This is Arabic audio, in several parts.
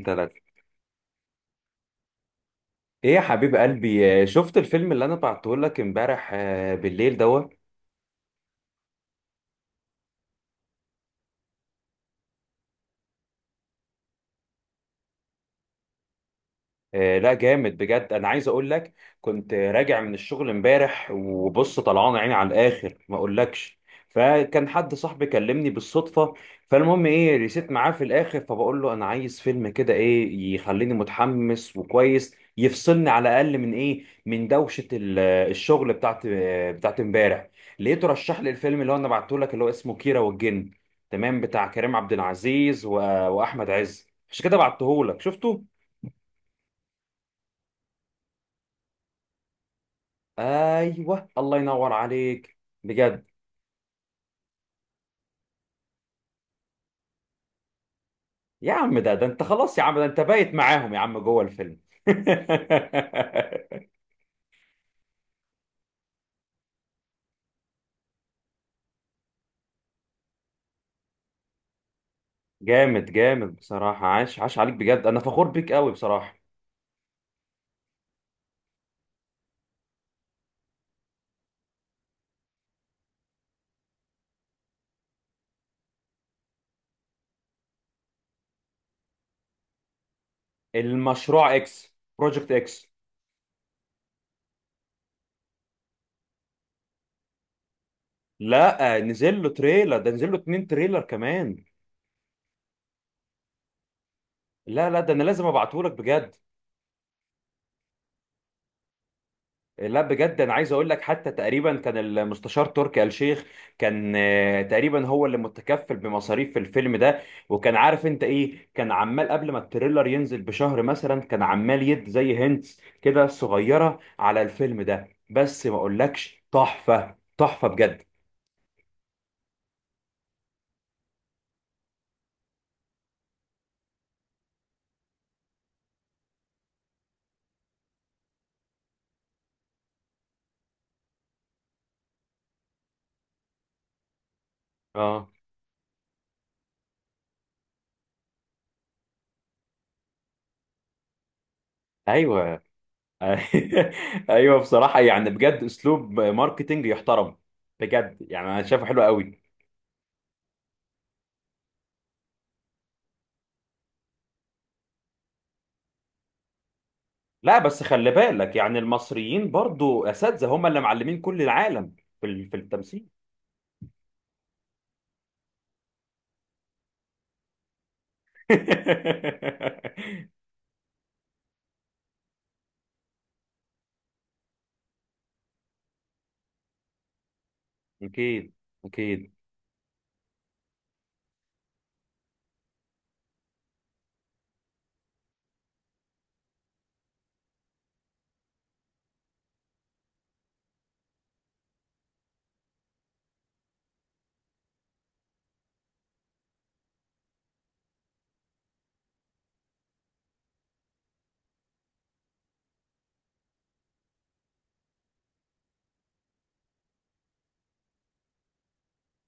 ثلاثة. ايه يا حبيب قلبي، شفت الفيلم اللي انا بعته لك امبارح، بالليل دوت. لا جامد بجد، انا عايز اقول لك. كنت راجع من الشغل امبارح وبص طلعان عيني على الاخر ما اقولكش. فكان حد صاحبي كلمني بالصدفه. فالمهم ايه، ريسيت معاه في الاخر، فبقول له انا عايز فيلم كده ايه يخليني متحمس وكويس يفصلني على الاقل من ايه، من دوشه الشغل بتاعت امبارح. لقيته رشح لي الفيلم اللي هو انا بعته لك، اللي هو اسمه كيرة والجن. تمام، بتاع كريم عبد العزيز واحمد عز، عشان كده بعته لك شفته. ايوه الله ينور عليك، بجد. يا عم ده انت خلاص، يا عم ده انت بايت معاهم يا عم جوه الفيلم. جامد جامد بصراحة، عاش عاش عليك بجد، أنا فخور بيك قوي بصراحة. المشروع إكس، بروجكت إكس. لا نزل له تريلر، ده نزل له اتنين تريلر كمان. لا، ده أنا لازم أبعته لك بجد. لا بجد انا عايز اقول لك. حتى تقريبا كان المستشار تركي آل الشيخ كان، تقريبا هو اللي متكفل بمصاريف الفيلم ده. وكان عارف انت ايه، كان عمال قبل ما التريلر ينزل بشهر مثلا، كان عمال يد زي هنتس كده صغيرة على الفيلم ده، بس ما اقولكش تحفة تحفة بجد. اه، ايوه. ايوه، بصراحة يعني بجد اسلوب ماركتينج يحترم، بجد يعني انا شايفه حلو قوي. لا بس خلي بالك، يعني المصريين برضو اساتذه، هم اللي معلمين كل العالم في في التمثيل. اكيد اكيد.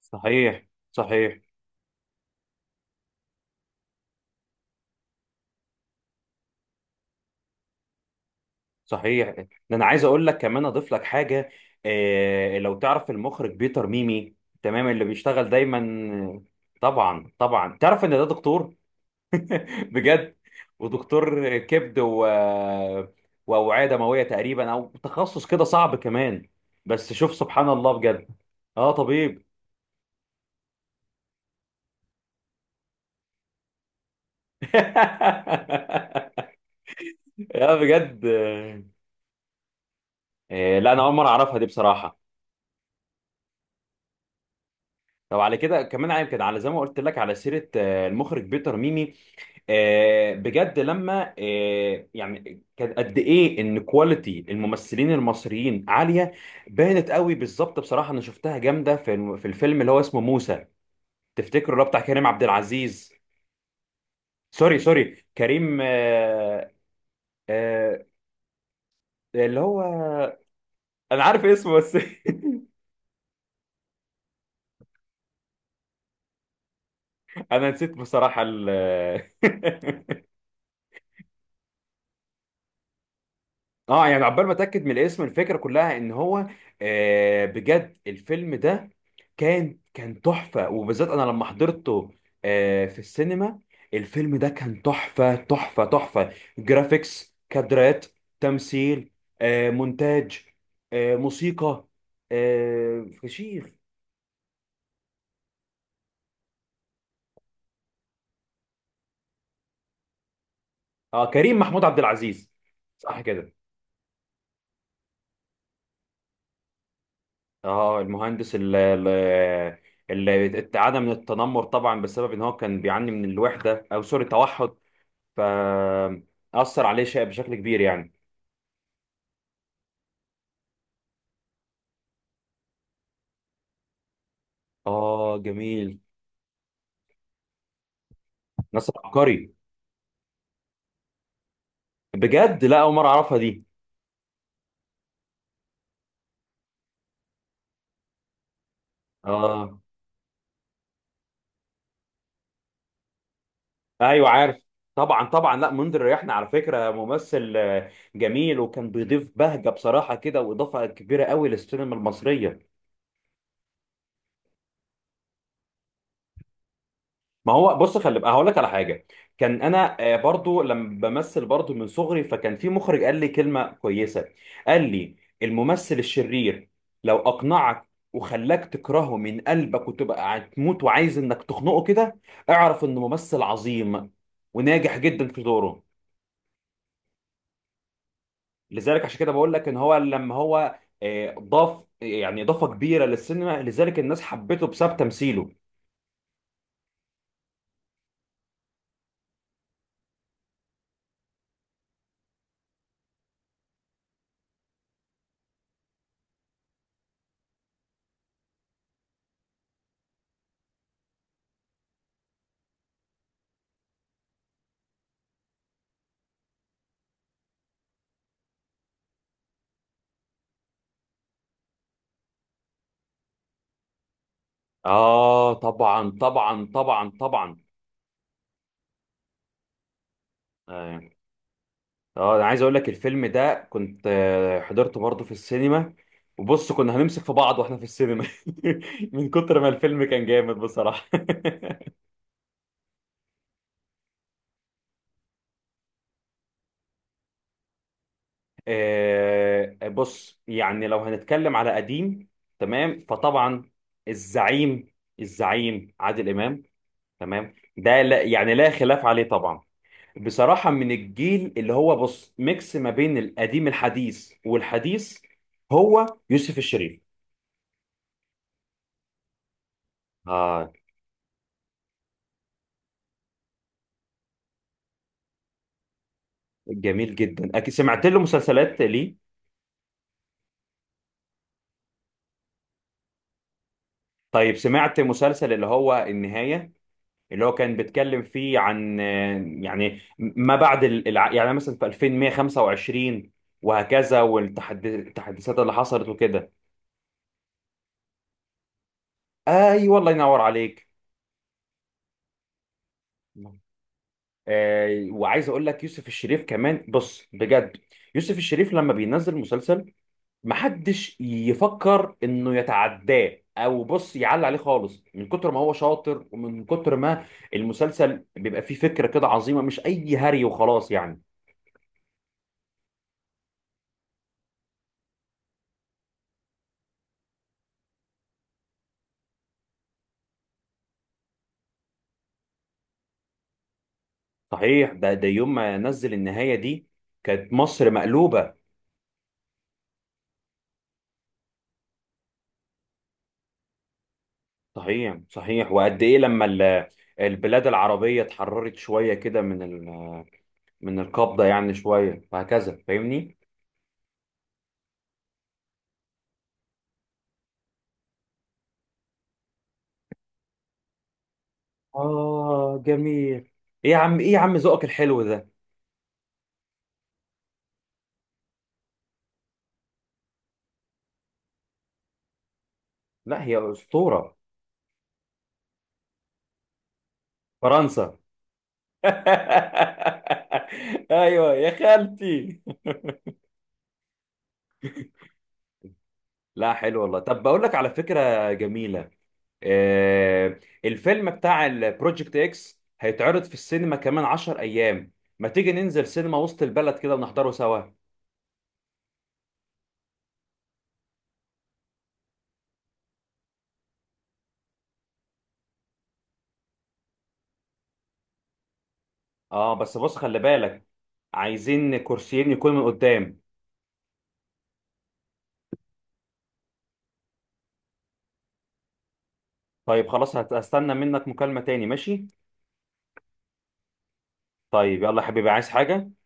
صحيح صحيح صحيح. ده انا عايز اقول لك كمان اضيف لك حاجه. آه لو تعرف المخرج بيتر ميمي، تمام، اللي بيشتغل دايما. طبعا طبعا، تعرف ان ده دكتور، بجد، ودكتور كبد و... واوعيه دمويه تقريبا، او تخصص كده صعب كمان. بس شوف سبحان الله بجد. اه طبيب. يا بجد. لا انا اول مره اعرفها دي بصراحه. طب على كده كمان يمكن، على زي ما قلت لك، على سيره المخرج بيتر ميمي، بجد لما، يعني كان قد ايه ان كواليتي الممثلين المصريين عاليه، بانت قوي بالظبط بصراحه. انا شفتها جامده في الفيلم اللي هو اسمه موسى. تفتكروا اللي هو بتاع كريم عبد العزيز، سوري سوري كريم، آه، اللي هو، انا عارف اسمه بس. انا نسيت بصراحه ال اه، يعني عقبال ما اتاكد من الاسم، الفكره كلها ان هو آه بجد الفيلم ده كان تحفه، وبالذات انا لما حضرته آه في السينما. الفيلم ده كان تحفه تحفه تحفه، جرافيكس، كادرات، تمثيل، آه مونتاج، آه موسيقى، آه فشيخ. اه كريم محمود عبد العزيز، صح كده. اه المهندس، اللي اللي اتعدى من التنمر طبعا بسبب ان هو كان بيعاني من الوحده، او سوري التوحد. فأثر عليه شيء بشكل كبير يعني. اه جميل. نصر عبقري، بجد. لا أول مرة أعرفها دي. اه. أيوه عارف. طبعا طبعا، لا منذر ريحنا على فكرة ممثل جميل، وكان بيضيف بهجة بصراحة كده، وإضافة كبيرة قوي للسينما المصرية. ما هو بص، خلي بقى هقول لك على حاجه. كان انا برضو لما بمثل برضو من صغري، فكان في مخرج قال لي كلمه كويسه. قال لي الممثل الشرير لو اقنعك وخلاك تكرهه من قلبك، وتبقى هتموت وعايز انك تخنقه كده، اعرف انه ممثل عظيم وناجح جدا في دوره. لذلك عشان كده بقول لك ان هو لما هو ضاف يعني اضافه كبيره للسينما، لذلك الناس حبته بسبب تمثيله. اه طبعا طبعا طبعا طبعا. آه. اه انا عايز اقول لك الفيلم ده كنت حضرته برضه في السينما. وبص كنا هنمسك في بعض واحنا في السينما. من كتر ما الفيلم كان جامد بصراحة. بص يعني لو هنتكلم على قديم، تمام، فطبعا الزعيم، الزعيم عادل امام، تمام، ده لا يعني لا خلاف عليه طبعا. بصراحة من الجيل اللي هو بص ميكس ما بين القديم الحديث والحديث، هو يوسف الشريف. آه، جميل جدا اكيد، سمعت له مسلسلات ليه. طيب سمعت مسلسل اللي هو النهاية، اللي هو كان بيتكلم فيه عن يعني ما بعد يعني مثلا في 2125 وهكذا، والتحديثات اللي حصلت وكده. ايوه والله ينور عليك. آه، وعايز اقول لك يوسف الشريف كمان بص بجد. يوسف الشريف لما بينزل مسلسل، محدش يفكر انه يتعداه او بص يعلي عليه خالص، من كتر ما هو شاطر، ومن كتر ما المسلسل بيبقى فيه فكرة كده عظيمة، مش اي هري وخلاص يعني. صحيح. ده يوم ما نزل النهاية دي كانت مصر مقلوبة. صحيح صحيح. وقد ايه لما البلاد العربية اتحررت شوية كده من من القبضة يعني شوية وهكذا، فاهمني؟ آه جميل. ايه يا عم، ايه يا عم ذوقك الحلو ده؟ لا هي أسطورة. فرنسا. ايوه يا خالتي. لا حلو والله. طب بقول لك على فكره جميله. آه الفيلم بتاع البروجكت اكس هيتعرض في السينما كمان 10 ايام. ما تيجي ننزل سينما وسط البلد كده ونحضره سوا؟ اه بس بص خلي بالك، عايزين كرسيين يكون من قدام. طيب خلاص، هستنى منك مكالمه تاني ماشي. طيب يلا يا حبيبي، عايز حاجه؟